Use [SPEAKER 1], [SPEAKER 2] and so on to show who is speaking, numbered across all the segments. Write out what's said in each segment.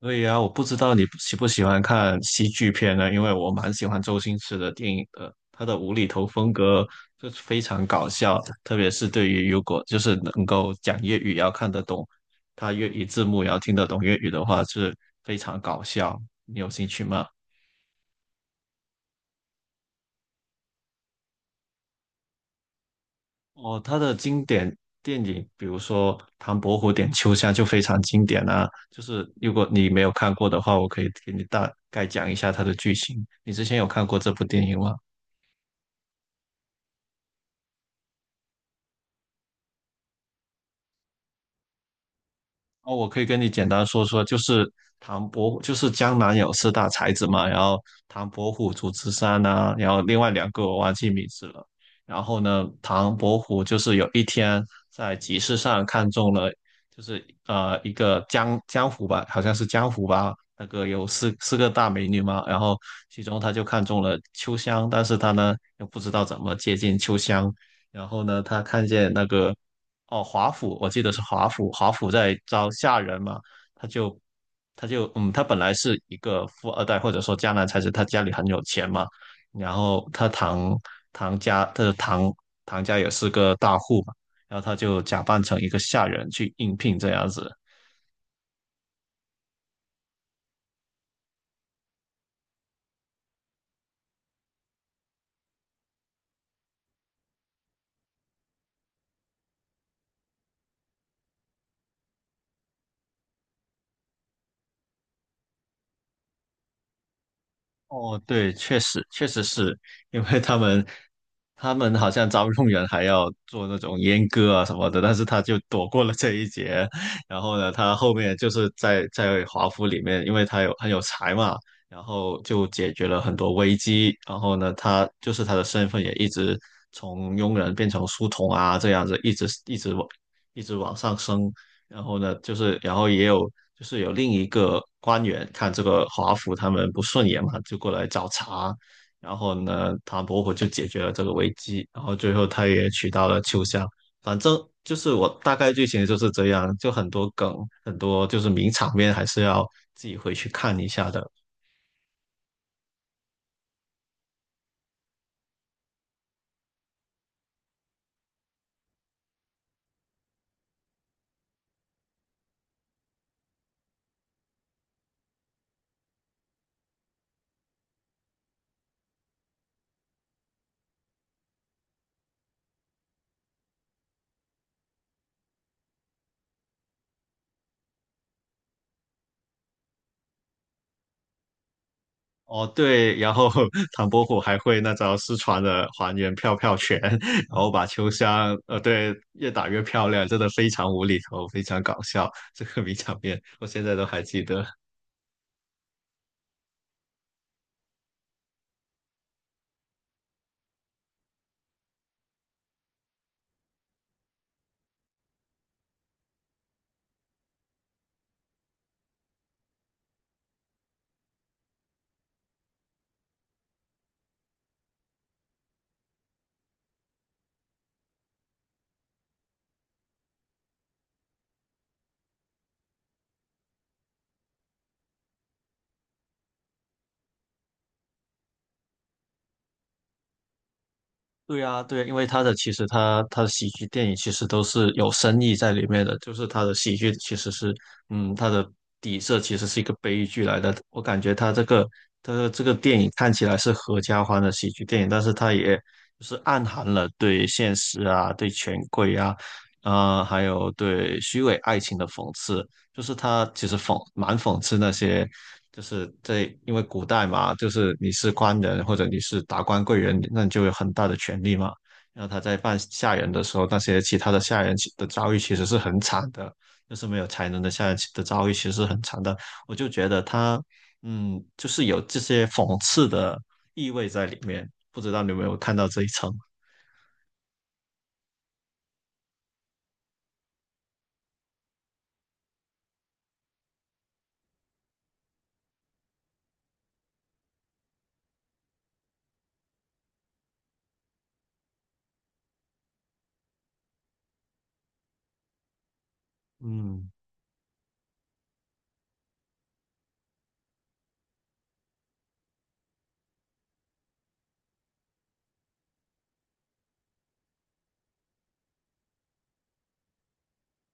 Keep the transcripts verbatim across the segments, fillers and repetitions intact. [SPEAKER 1] 对呀，我不知道你喜不喜欢看喜剧片呢？因为我蛮喜欢周星驰的电影的，他的无厘头风格就是非常搞笑，特别是对于如果就是能够讲粤语要看得懂，他粤语字幕也要听得懂粤语的话，是非常搞笑。你有兴趣吗？哦，他的经典电影，比如说《唐伯虎点秋香》就非常经典啊。就是如果你没有看过的话，我可以给你大概讲一下它的剧情。你之前有看过这部电影吗？哦，我可以跟你简单说说，就是唐伯虎，就是江南有四大才子嘛，然后唐伯虎、祝枝山呐、然后另外两个我忘记名字了。然后呢，唐伯虎就是有一天在集市上看中了，就是呃一个江江湖吧，好像是江湖吧，那个有四四个大美女嘛，然后其中他就看中了秋香，但是他呢又不知道怎么接近秋香，然后呢他看见那个哦，华府，我记得是华府，华府在招下人嘛，他就他就嗯，他本来是一个富二代，或者说江南才子，他家里很有钱嘛，然后他堂堂家，他的堂堂家也是个大户嘛，然后他就假扮成一个下人去应聘这样子，哦，对，确实确实是因为他们他们好像招佣人还要做那种阉割啊什么的，但是他就躲过了这一劫。然后呢，他后面就是在在华府里面，因为他有很有才嘛，然后就解决了很多危机。然后呢，他就是他的身份也一直从佣人变成书童啊，这样子一直一直往一直往上升。然后呢，就是然后也有就是有另一个官员看这个华府他们不顺眼嘛，就过来找茬。然后呢，唐伯虎就解决了这个危机，然后最后他也娶到了秋香。反正就是我大概剧情就是这样，就很多梗，很多就是名场面还是要自己回去看一下的。哦，对，然后 唐伯虎还会那招失传的还原票票拳，然后把秋香，呃，对，越打越漂亮，真的非常无厘头，非常搞笑，这个名场面我现在都还记得。对啊，对啊，因为他的其实他他的喜剧电影其实都是有深意在里面的，就是他的喜剧其实是，嗯，他的底色其实是一个悲剧来的。我感觉他这个他的这个电影看起来是合家欢的喜剧电影，但是他也就是暗含了对现实啊、对权贵啊、啊还有对虚伪爱情的讽刺。就是他其实讽蛮讽刺那些，就是在因为古代嘛，就是你是官人或者你是达官贵人，那你就有很大的权利嘛。然后他在办下人的时候，那些其他的下人其的遭遇其实是很惨的，就是没有才能的下人其的遭遇其实是很惨的。我就觉得他，嗯，就是有这些讽刺的意味在里面，不知道你有没有看到这一层？嗯。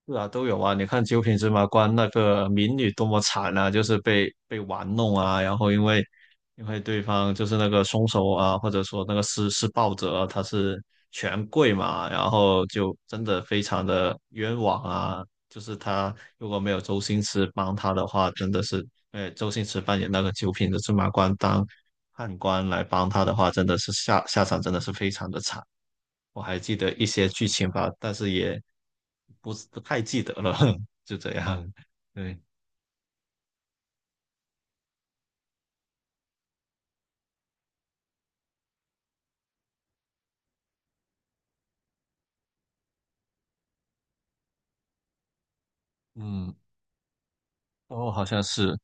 [SPEAKER 1] 是啊，都有啊。你看《九品芝麻官》那个民女多么惨啊，就是被被玩弄啊，然后因为因为对方就是那个凶手啊，或者说那个施施暴者啊他是权贵嘛，然后就真的非常的冤枉啊。就是他如果没有周星驰帮他的话，真的是，呃，周星驰扮演那个九品的芝麻官当判官来帮他的话，真的是下下场真的是非常的惨。我还记得一些剧情吧，但是也不是不太记得了，就这样。对，嗯，哦，好像是，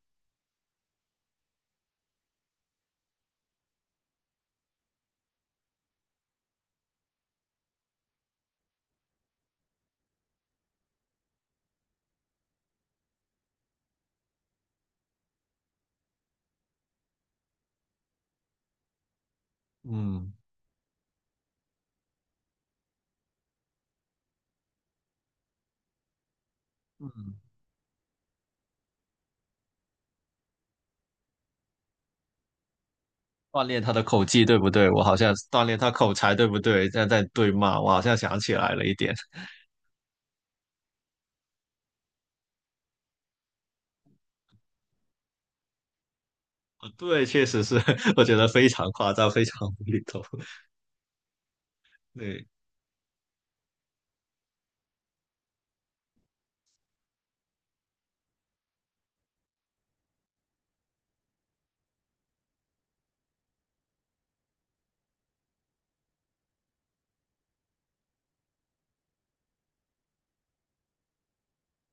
[SPEAKER 1] 嗯嗯，锻炼他的口技，对不对？我好像锻炼他口才，对不对？现在在对骂，我好像想起来了一点。对，确实是，我觉得非常夸张，非常无厘头。对，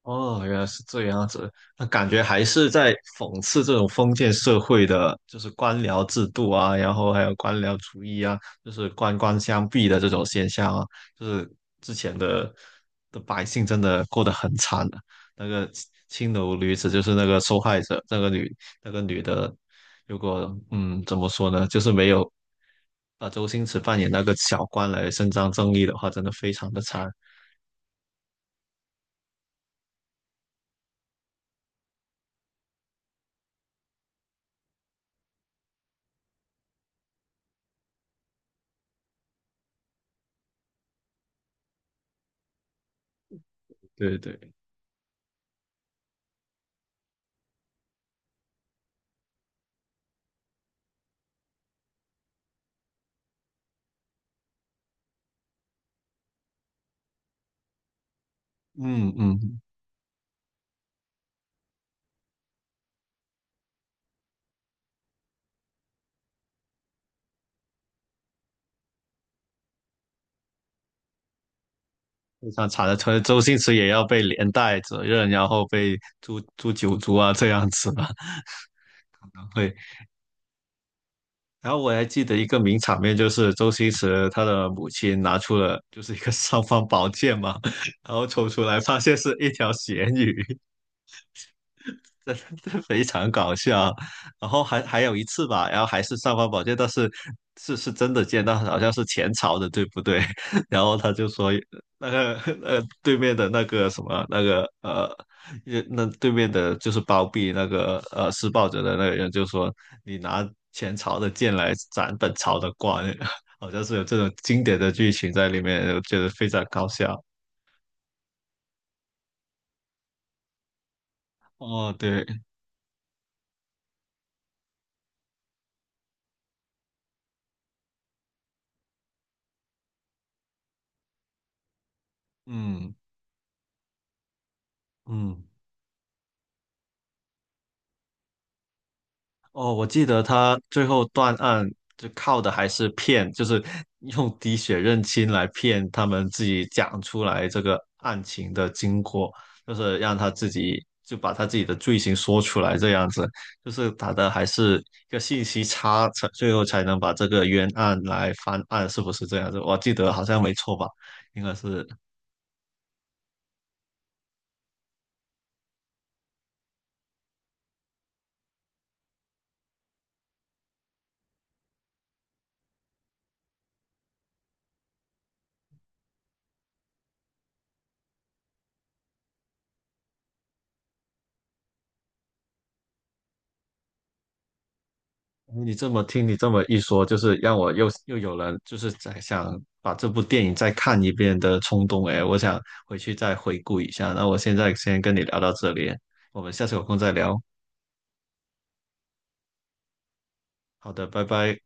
[SPEAKER 1] 哦，原来是这样子，那感觉还是在讽刺这种封建社会的，就是官僚制度啊，然后还有官僚主义啊，就是官官相逼的这种现象啊，就是之前的的百姓真的过得很惨的、那个青楼女子就是那个受害者，那个女那个女的，如果嗯怎么说呢，就是没有把周星驰扮演那个小官来伸张正义的话，真的非常的惨。对对，嗯嗯，非常惨的，可能周星驰也要被连带责任，然后被诛诛九族啊这样子吧，可能会。然后我还记得一个名场面，就是周星驰他的母亲拿出了就是一个尚方宝剑嘛，然后抽出来发现是一条咸鱼，真的非常搞笑。然后还还有一次吧，然后还是尚方宝剑，但是是是真的见到，好像是前朝的，对不对？然后他就说那个呃对面的那个什么那个呃。也那对面的就是包庇那个呃施暴者的那个人，就说你拿前朝的剑来斩本朝的官，好像是有这种经典的剧情在里面，我觉得非常搞笑。哦，对，嗯嗯。哦，我记得他最后断案就靠的还是骗，就是用滴血认亲来骗他们自己讲出来这个案情的经过，就是让他自己就把他自己的罪行说出来，这样子，就是打的还是一个信息差，才最后才能把这个冤案来翻案，是不是这样子？我记得好像没错吧，应该是。你这么听，你这么一说，就是让我又又有了，就是在想把这部电影再看一遍的冲动。哎，我想回去再回顾一下。那我现在先跟你聊到这里，我们下次有空再聊。好的，拜拜。